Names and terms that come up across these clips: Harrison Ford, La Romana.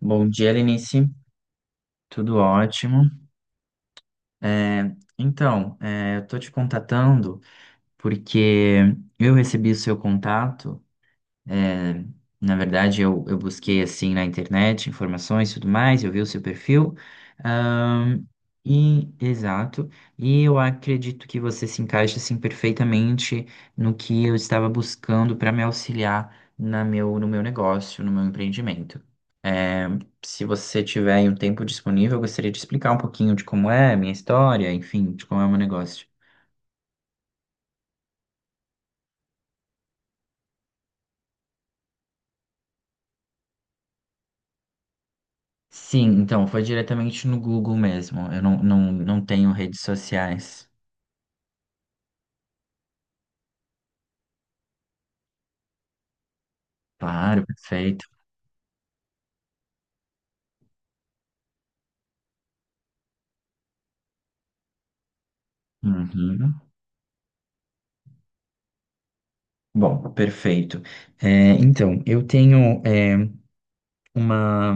Bom dia, Lenice. Tudo ótimo. É, então, eu tô te contatando porque eu recebi o seu contato é, Na verdade, eu busquei assim na internet informações e tudo mais, eu vi o seu perfil. ahn, e, exato. E eu acredito que você se encaixa assim perfeitamente no que eu estava buscando para me auxiliar no meu negócio, no meu empreendimento. É, se você tiver aí um tempo disponível, eu gostaria de explicar um pouquinho de como é a minha história, enfim, de como é o meu negócio. Sim, então foi diretamente no Google mesmo. Eu não tenho redes sociais. Claro, perfeito. Uhum. Bom, perfeito. Então, eu tenho uma,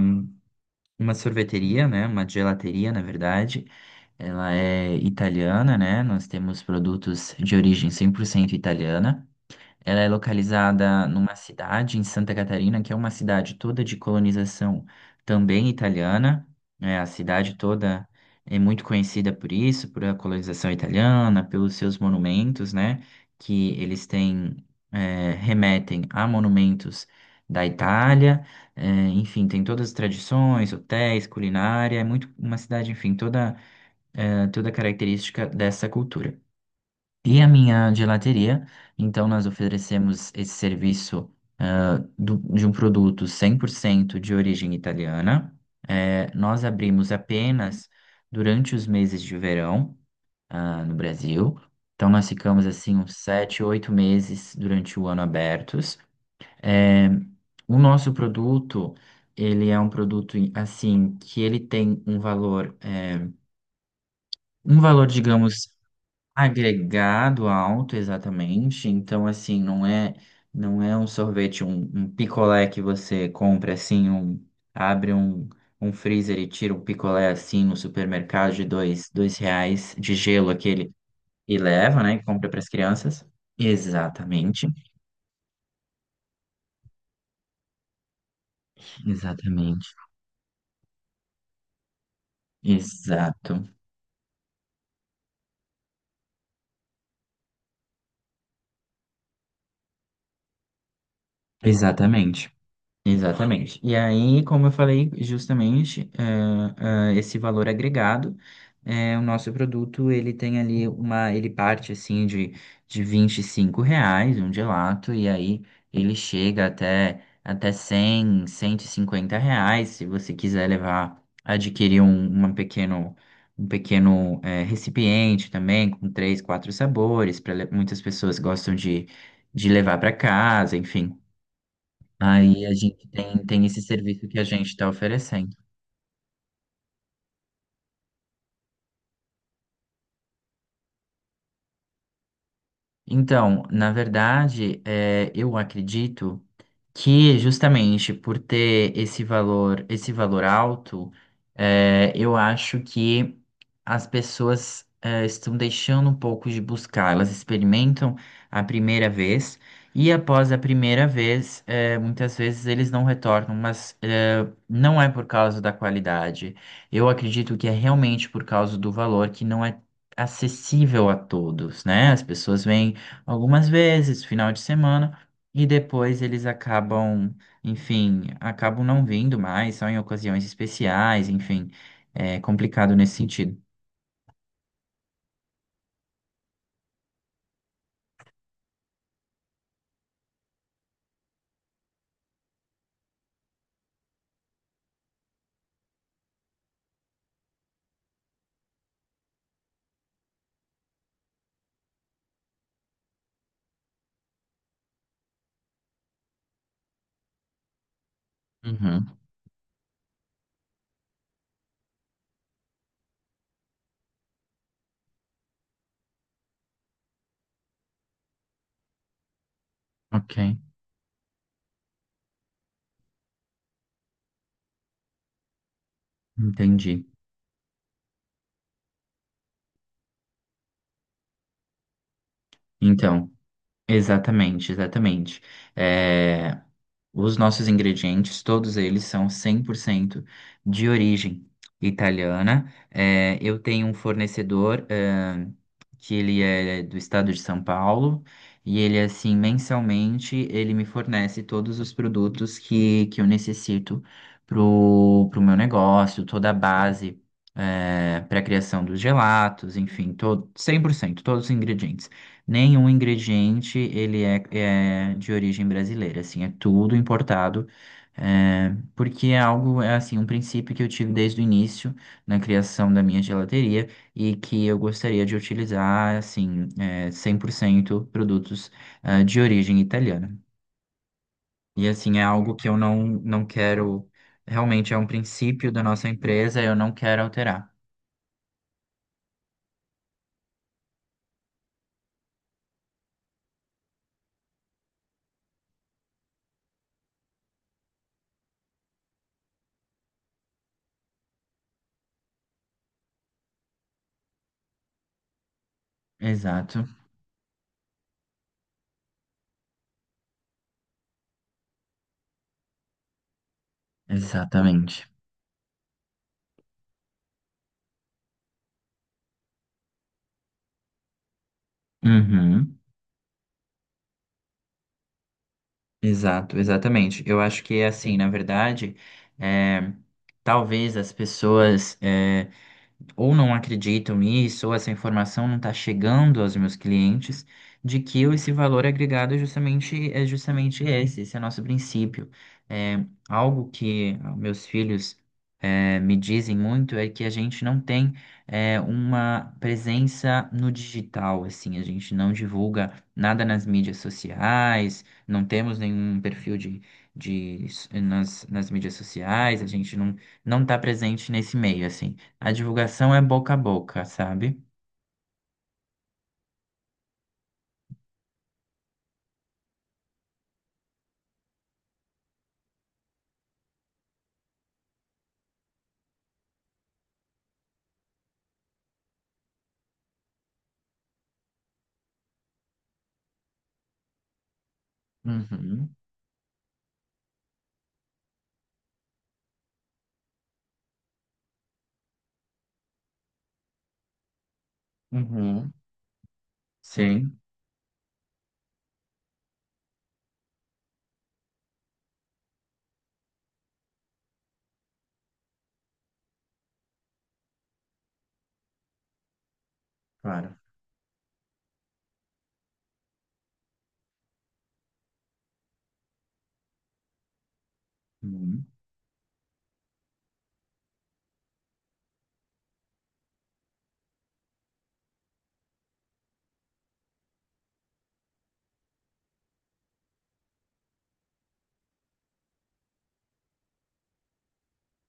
uma sorveteria, né? Uma gelateria, na verdade. Ela é italiana, né? Nós temos produtos de origem 100% italiana. Ela é localizada numa cidade em Santa Catarina, que é uma cidade toda de colonização também italiana. Né? A cidade toda é muito conhecida por isso, por a colonização italiana, pelos seus monumentos, né? Que eles têm, remetem a monumentos da Itália. Enfim, tem todas as tradições, hotéis, culinária. É muito uma cidade, enfim, toda característica dessa cultura e a minha gelateria. Então, nós oferecemos esse serviço de um produto 100% de origem italiana. Nós abrimos apenas durante os meses de verão, no Brasil. Então, nós ficamos assim uns 7, 8 meses durante o ano abertos. Eh, o nosso produto, ele é um produto assim que ele tem um valor, digamos agregado alto, exatamente. Então, assim, não é um sorvete, um picolé que você compra assim, abre um freezer e tira um picolé assim no supermercado de dois reais de gelo aquele e leva, né? E compra para as crianças. Exatamente, exatamente, exato, exatamente. Exatamente. E aí, como eu falei, justamente, esse valor agregado, o nosso produto, ele tem ali ele parte assim de R$ 25 um gelato, e aí ele chega até cem cento e cinquenta reais, se você quiser levar, adquirir um, uma pequeno, um pequeno, eh, recipiente também, com três, quatro sabores, para muitas pessoas gostam de levar para casa, enfim. Aí a gente tem esse serviço que a gente está oferecendo. Então, na verdade, eu acredito que justamente por ter esse valor alto, eu acho que as pessoas estão deixando um pouco de buscar. Elas experimentam a primeira vez e após a primeira vez, muitas vezes eles não retornam, mas não é por causa da qualidade. Eu acredito que é realmente por causa do valor que não é acessível a todos, né? As pessoas vêm algumas vezes, final de semana, e depois eles acabam, enfim, acabam não vindo mais, só em ocasiões especiais, enfim, é complicado nesse sentido. Uhum, ok, entendi. Então, exatamente, exatamente. É, Os nossos ingredientes, todos eles são 100% de origem italiana. Eu tenho um fornecedor, que ele é do estado de São Paulo e ele, assim, mensalmente, ele me fornece todos os produtos que eu necessito pro meu negócio, toda a base, para a criação dos gelatos, enfim, todo, 100% todos os ingredientes. Nenhum ingrediente ele é de origem brasileira, assim, é tudo importado, porque é algo, é assim, um princípio que eu tive desde o início na criação da minha gelateria e que eu gostaria de utilizar, assim, 100% produtos, de origem italiana. E, assim, é algo que eu não quero, realmente é um princípio da nossa empresa, eu não quero alterar. Exato, exatamente. Uhum. Exato, exatamente. Eu acho que é assim, na verdade, é, talvez as pessoas, ou não acreditam nisso, ou essa informação não está chegando aos meus clientes, de que eu esse valor agregado é justamente esse, esse é nosso princípio. Algo que meus filhos me dizem muito é que a gente não tem uma presença no digital, assim, a gente não divulga nada nas mídias sociais, não temos nenhum perfil de nas mídias sociais, a gente não está presente nesse meio, assim. A divulgação é boca a boca, sabe? Uhum, uhum, sim, claro. Uhum,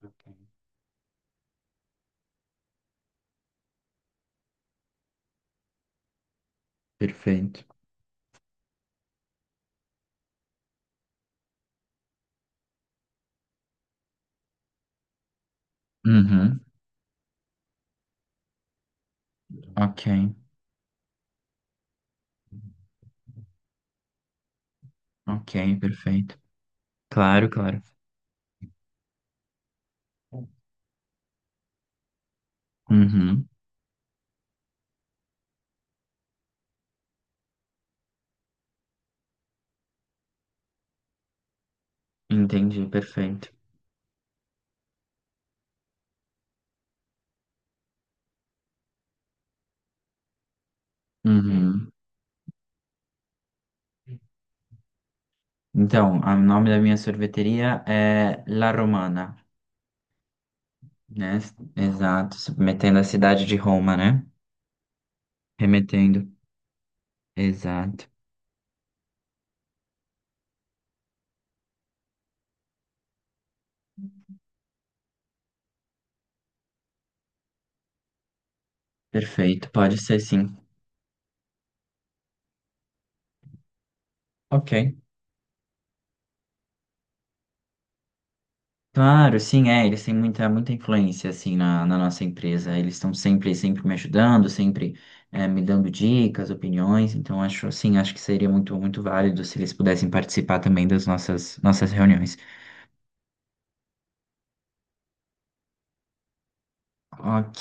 ok. Perfeito. Uhum, ok, ok, perfeito. Claro, claro. Uhum, entendi, perfeito. Uhum. Então, o nome da minha sorveteria é La Romana, né? Exato, submetendo a cidade de Roma, né? Remetendo. Exato. Perfeito, pode ser sim. Ok. Claro, sim, eles têm muita, muita influência, assim, na nossa empresa. Eles estão sempre, sempre me ajudando, sempre me dando dicas, opiniões. Então, acho, assim, acho que seria muito, muito válido se eles pudessem participar também das nossas reuniões. Ok,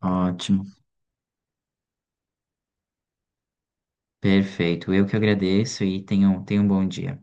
ótimo, perfeito. Eu que agradeço e tenham um bom dia.